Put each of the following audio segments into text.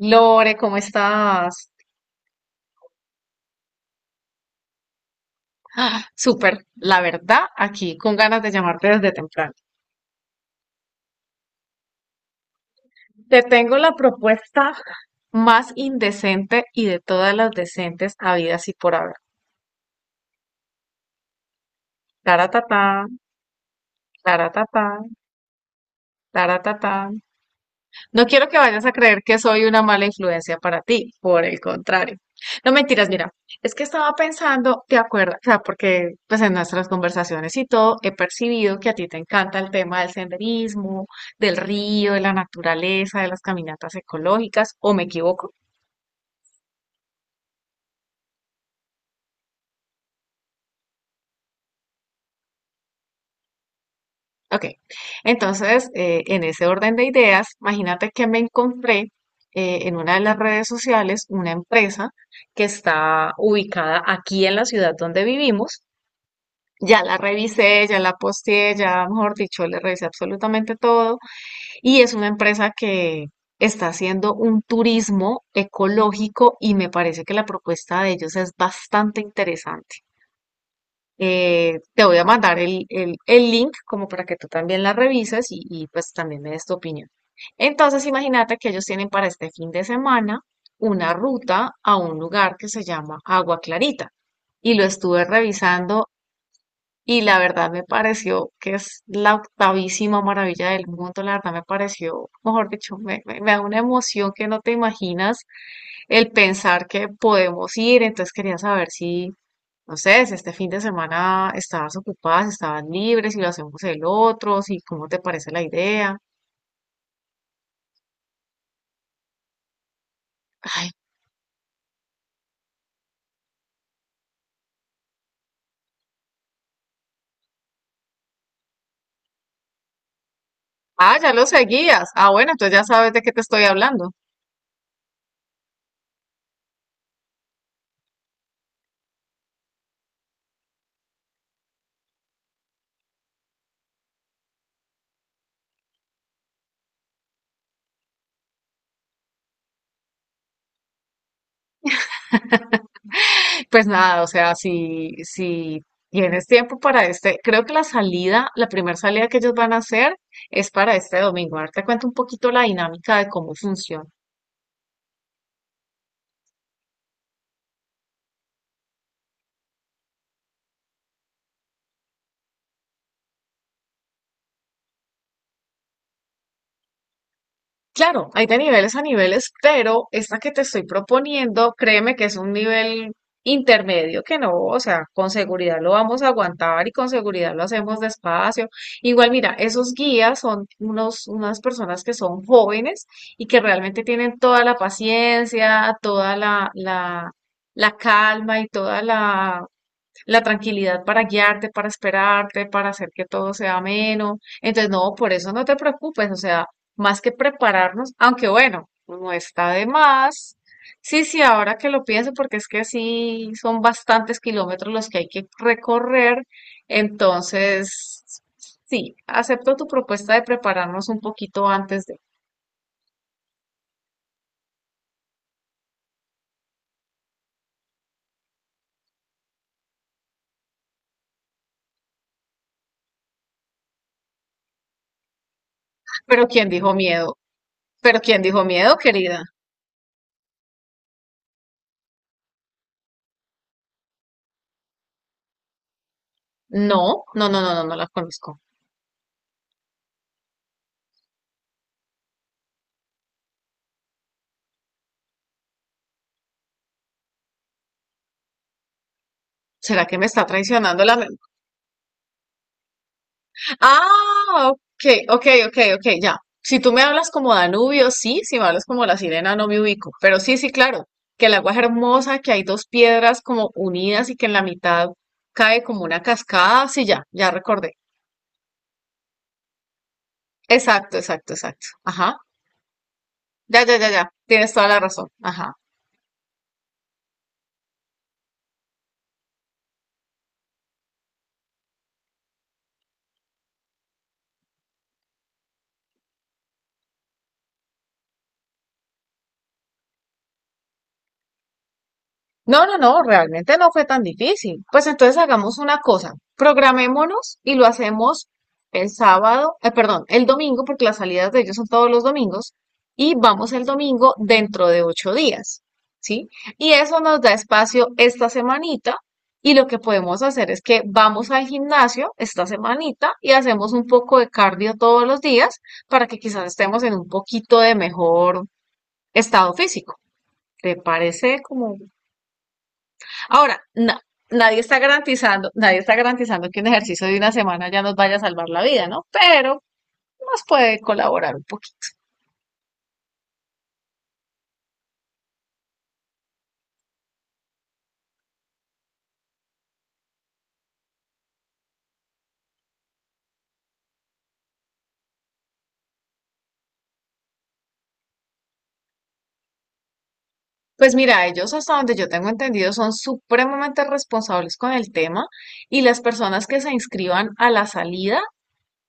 Lore, ¿cómo estás? Súper, la verdad, aquí con ganas de llamarte desde temprano. Te tengo la propuesta más indecente y de todas las decentes habidas y por haber. Taratatán, taratatán, taratatán. No quiero que vayas a creer que soy una mala influencia para ti, por el contrario. No mentiras, mira, es que estaba pensando, ¿te acuerdas? O sea, porque pues en nuestras conversaciones y todo he percibido que a ti te encanta el tema del senderismo, del río, de la naturaleza, de las caminatas ecológicas, ¿o me equivoco? Ok, entonces en ese orden de ideas, imagínate que me encontré en una de las redes sociales una empresa que está ubicada aquí en la ciudad donde vivimos. Ya la revisé, ya la posteé, ya, mejor dicho, le revisé absolutamente todo. Y es una empresa que está haciendo un turismo ecológico y me parece que la propuesta de ellos es bastante interesante. Te voy a mandar el link como para que tú también la revises y pues también me des tu opinión. Entonces, imagínate que ellos tienen para este fin de semana una ruta a un lugar que se llama Agua Clarita y lo estuve revisando, y la verdad me pareció que es la octavísima maravilla del mundo. La verdad me pareció, mejor dicho, me da una emoción que no te imaginas el pensar que podemos ir. Entonces quería saber si, no sé, si este fin de semana estabas ocupada, si estabas libre, si lo hacemos el otro, si cómo te parece la idea. Ay, ah, ya lo seguías. Ah, bueno, entonces ya sabes de qué te estoy hablando. Pues nada, o sea, si tienes tiempo para este, creo que la salida, la primera salida que ellos van a hacer es para este domingo. Ahora te cuento un poquito la dinámica de cómo funciona. Claro, hay de niveles a niveles, pero esta que te estoy proponiendo, créeme que es un nivel intermedio que no, o sea, con seguridad lo vamos a aguantar y con seguridad lo hacemos despacio. Igual, mira, esos guías son unos, unas personas que son jóvenes y que realmente tienen toda la paciencia, toda la calma y toda la tranquilidad para guiarte, para esperarte, para hacer que todo sea ameno. Entonces, no, por eso no te preocupes, o sea, más que prepararnos, aunque bueno, no está de más. Sí, sí, ahora que lo pienso, porque es que sí son bastantes kilómetros los que hay que recorrer, entonces, sí, acepto tu propuesta de prepararnos un poquito antes de... ¿Pero quién dijo miedo? ¿Pero quién dijo miedo, querida? No, no, no, no, no, no la conozco. ¿Será que me está traicionando la memoria? Ah, ok, ok, ok, ok, ya. Si tú me hablas como Danubio, sí, si me hablas como la sirena, no me ubico. Pero sí, sí, claro, que el agua es hermosa, que hay dos piedras como unidas y que en la mitad cae como una cascada, sí, ya, ya recordé. Exacto, exacto, exacto. Ajá. Ya, ya, ya, ya. Tienes toda la razón. Ajá. No, no, no, realmente no fue tan difícil. Pues entonces hagamos una cosa, programémonos y lo hacemos el sábado, perdón, el domingo, porque las salidas de ellos son todos los domingos, y vamos el domingo dentro de 8 días, ¿sí? Y eso nos da espacio esta semanita, y lo que podemos hacer es que vamos al gimnasio esta semanita y hacemos un poco de cardio todos los días para que quizás estemos en un poquito de mejor estado físico. ¿Te parece como Ahora, na- nadie está garantizando, nadie está garantizando que un ejercicio de una semana ya nos vaya a salvar la vida, ¿no? Pero nos puede colaborar un poquito. Pues mira, ellos hasta donde yo tengo entendido son supremamente responsables con el tema y las personas que se inscriban a la salida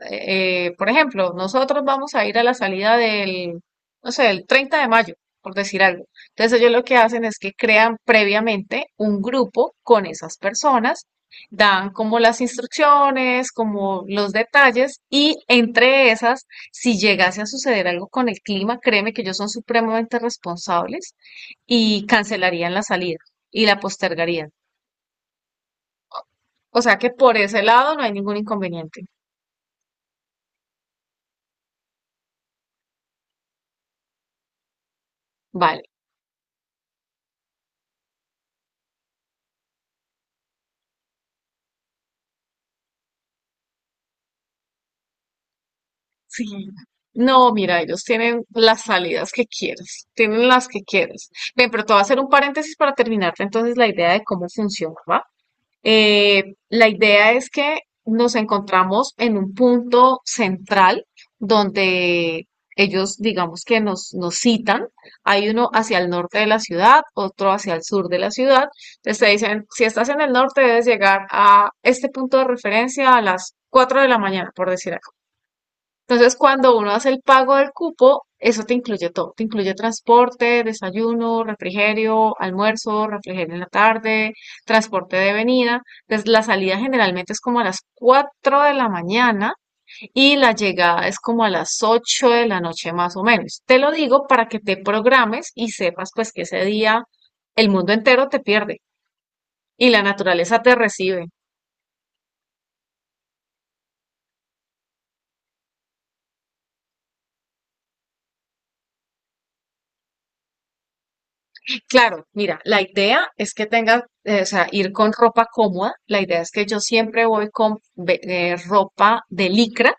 por ejemplo, nosotros vamos a ir a la salida del, no sé, el 30 de mayo, por decir algo. Entonces ellos lo que hacen es que crean previamente un grupo con esas personas, dan como las instrucciones, como los detalles y entre esas, si llegase a suceder algo con el clima, créeme que ellos son supremamente responsables y cancelarían la salida y la postergarían. O sea que por ese lado no hay ningún inconveniente. Vale. Sí. No, mira, ellos tienen las salidas que quieras, tienen las que quieras. Bien, pero te voy a hacer un paréntesis para terminarte entonces la idea de cómo funciona, ¿va? La idea es que nos encontramos en un punto central donde ellos, digamos que nos citan. Hay uno hacia el norte de la ciudad, otro hacia el sur de la ciudad. Entonces te dicen, si estás en el norte, debes llegar a este punto de referencia a las 4 de la mañana, por decir. Entonces, cuando uno hace el pago del cupo, eso te incluye todo. Te incluye transporte, desayuno, refrigerio, almuerzo, refrigerio en la tarde, transporte de venida. Entonces, la salida generalmente es como a las 4 de la mañana y la llegada es como a las 8 de la noche más o menos. Te lo digo para que te programes y sepas pues que ese día el mundo entero te pierde y la naturaleza te recibe. Claro, mira, la idea es que tengas, o sea, ir con ropa cómoda. La idea es que yo siempre voy con ropa de licra,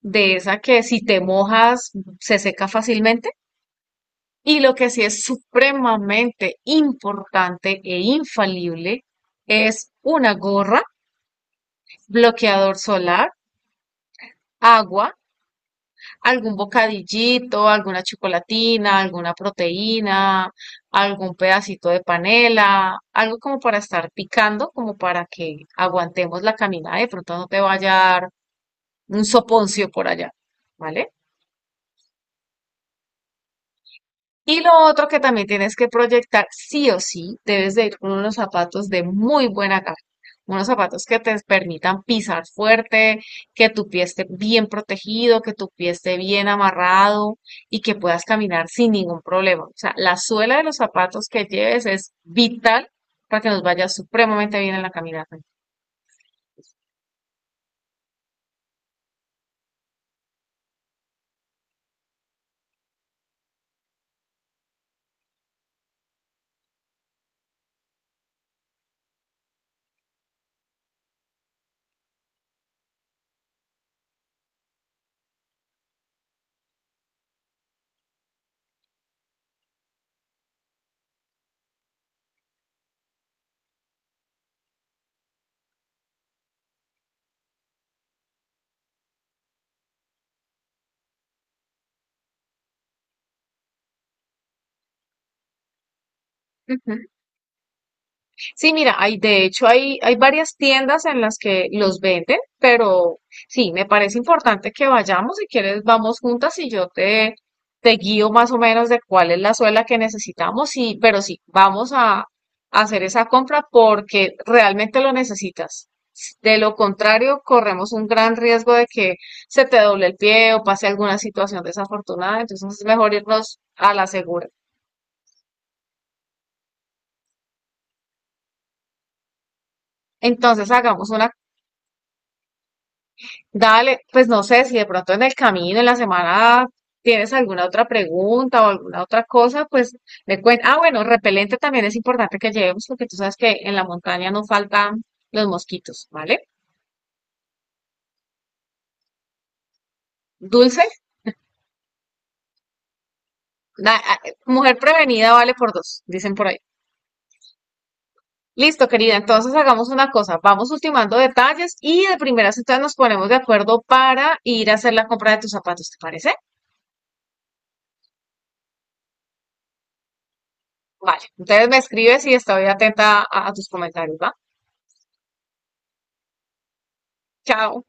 de esa que si te mojas se seca fácilmente. Y lo que sí es supremamente importante e infalible es una gorra, bloqueador solar, agua, algún bocadillito, alguna chocolatina, alguna proteína, algún pedacito de panela, algo como para estar picando, como para que aguantemos la caminada. De pronto no te vaya a dar un soponcio por allá, ¿vale? Y lo otro que también tienes que proyectar, sí o sí, debes de ir con unos zapatos de muy buena calidad, unos zapatos que te permitan pisar fuerte, que tu pie esté bien protegido, que tu pie esté bien amarrado y que puedas caminar sin ningún problema. O sea, la suela de los zapatos que lleves es vital para que nos vaya supremamente bien en la caminata. Ujú. Sí, mira, hay, de hecho, hay varias tiendas en las que los venden, pero sí, me parece importante que vayamos. Si quieres, vamos juntas y yo te guío más o menos de cuál es la suela que necesitamos. Y, pero sí, vamos a hacer esa compra porque realmente lo necesitas. De lo contrario, corremos un gran riesgo de que se te doble el pie o pase alguna situación desafortunada. Entonces es mejor irnos a la segura. Entonces hagamos una. Dale, pues no sé si de pronto en el camino, en la semana, tienes alguna otra pregunta o alguna otra cosa, pues me cuentas. Ah, bueno, repelente también es importante que llevemos porque tú sabes que en la montaña no faltan los mosquitos, ¿vale? Dulce, mujer prevenida vale por dos, dicen por ahí. Listo, querida, entonces hagamos una cosa, vamos ultimando detalles y de primeras entonces nos ponemos de acuerdo para ir a hacer la compra de tus zapatos, ¿te parece? Vale, entonces me escribes y estoy atenta a tus comentarios, ¿va? Chao.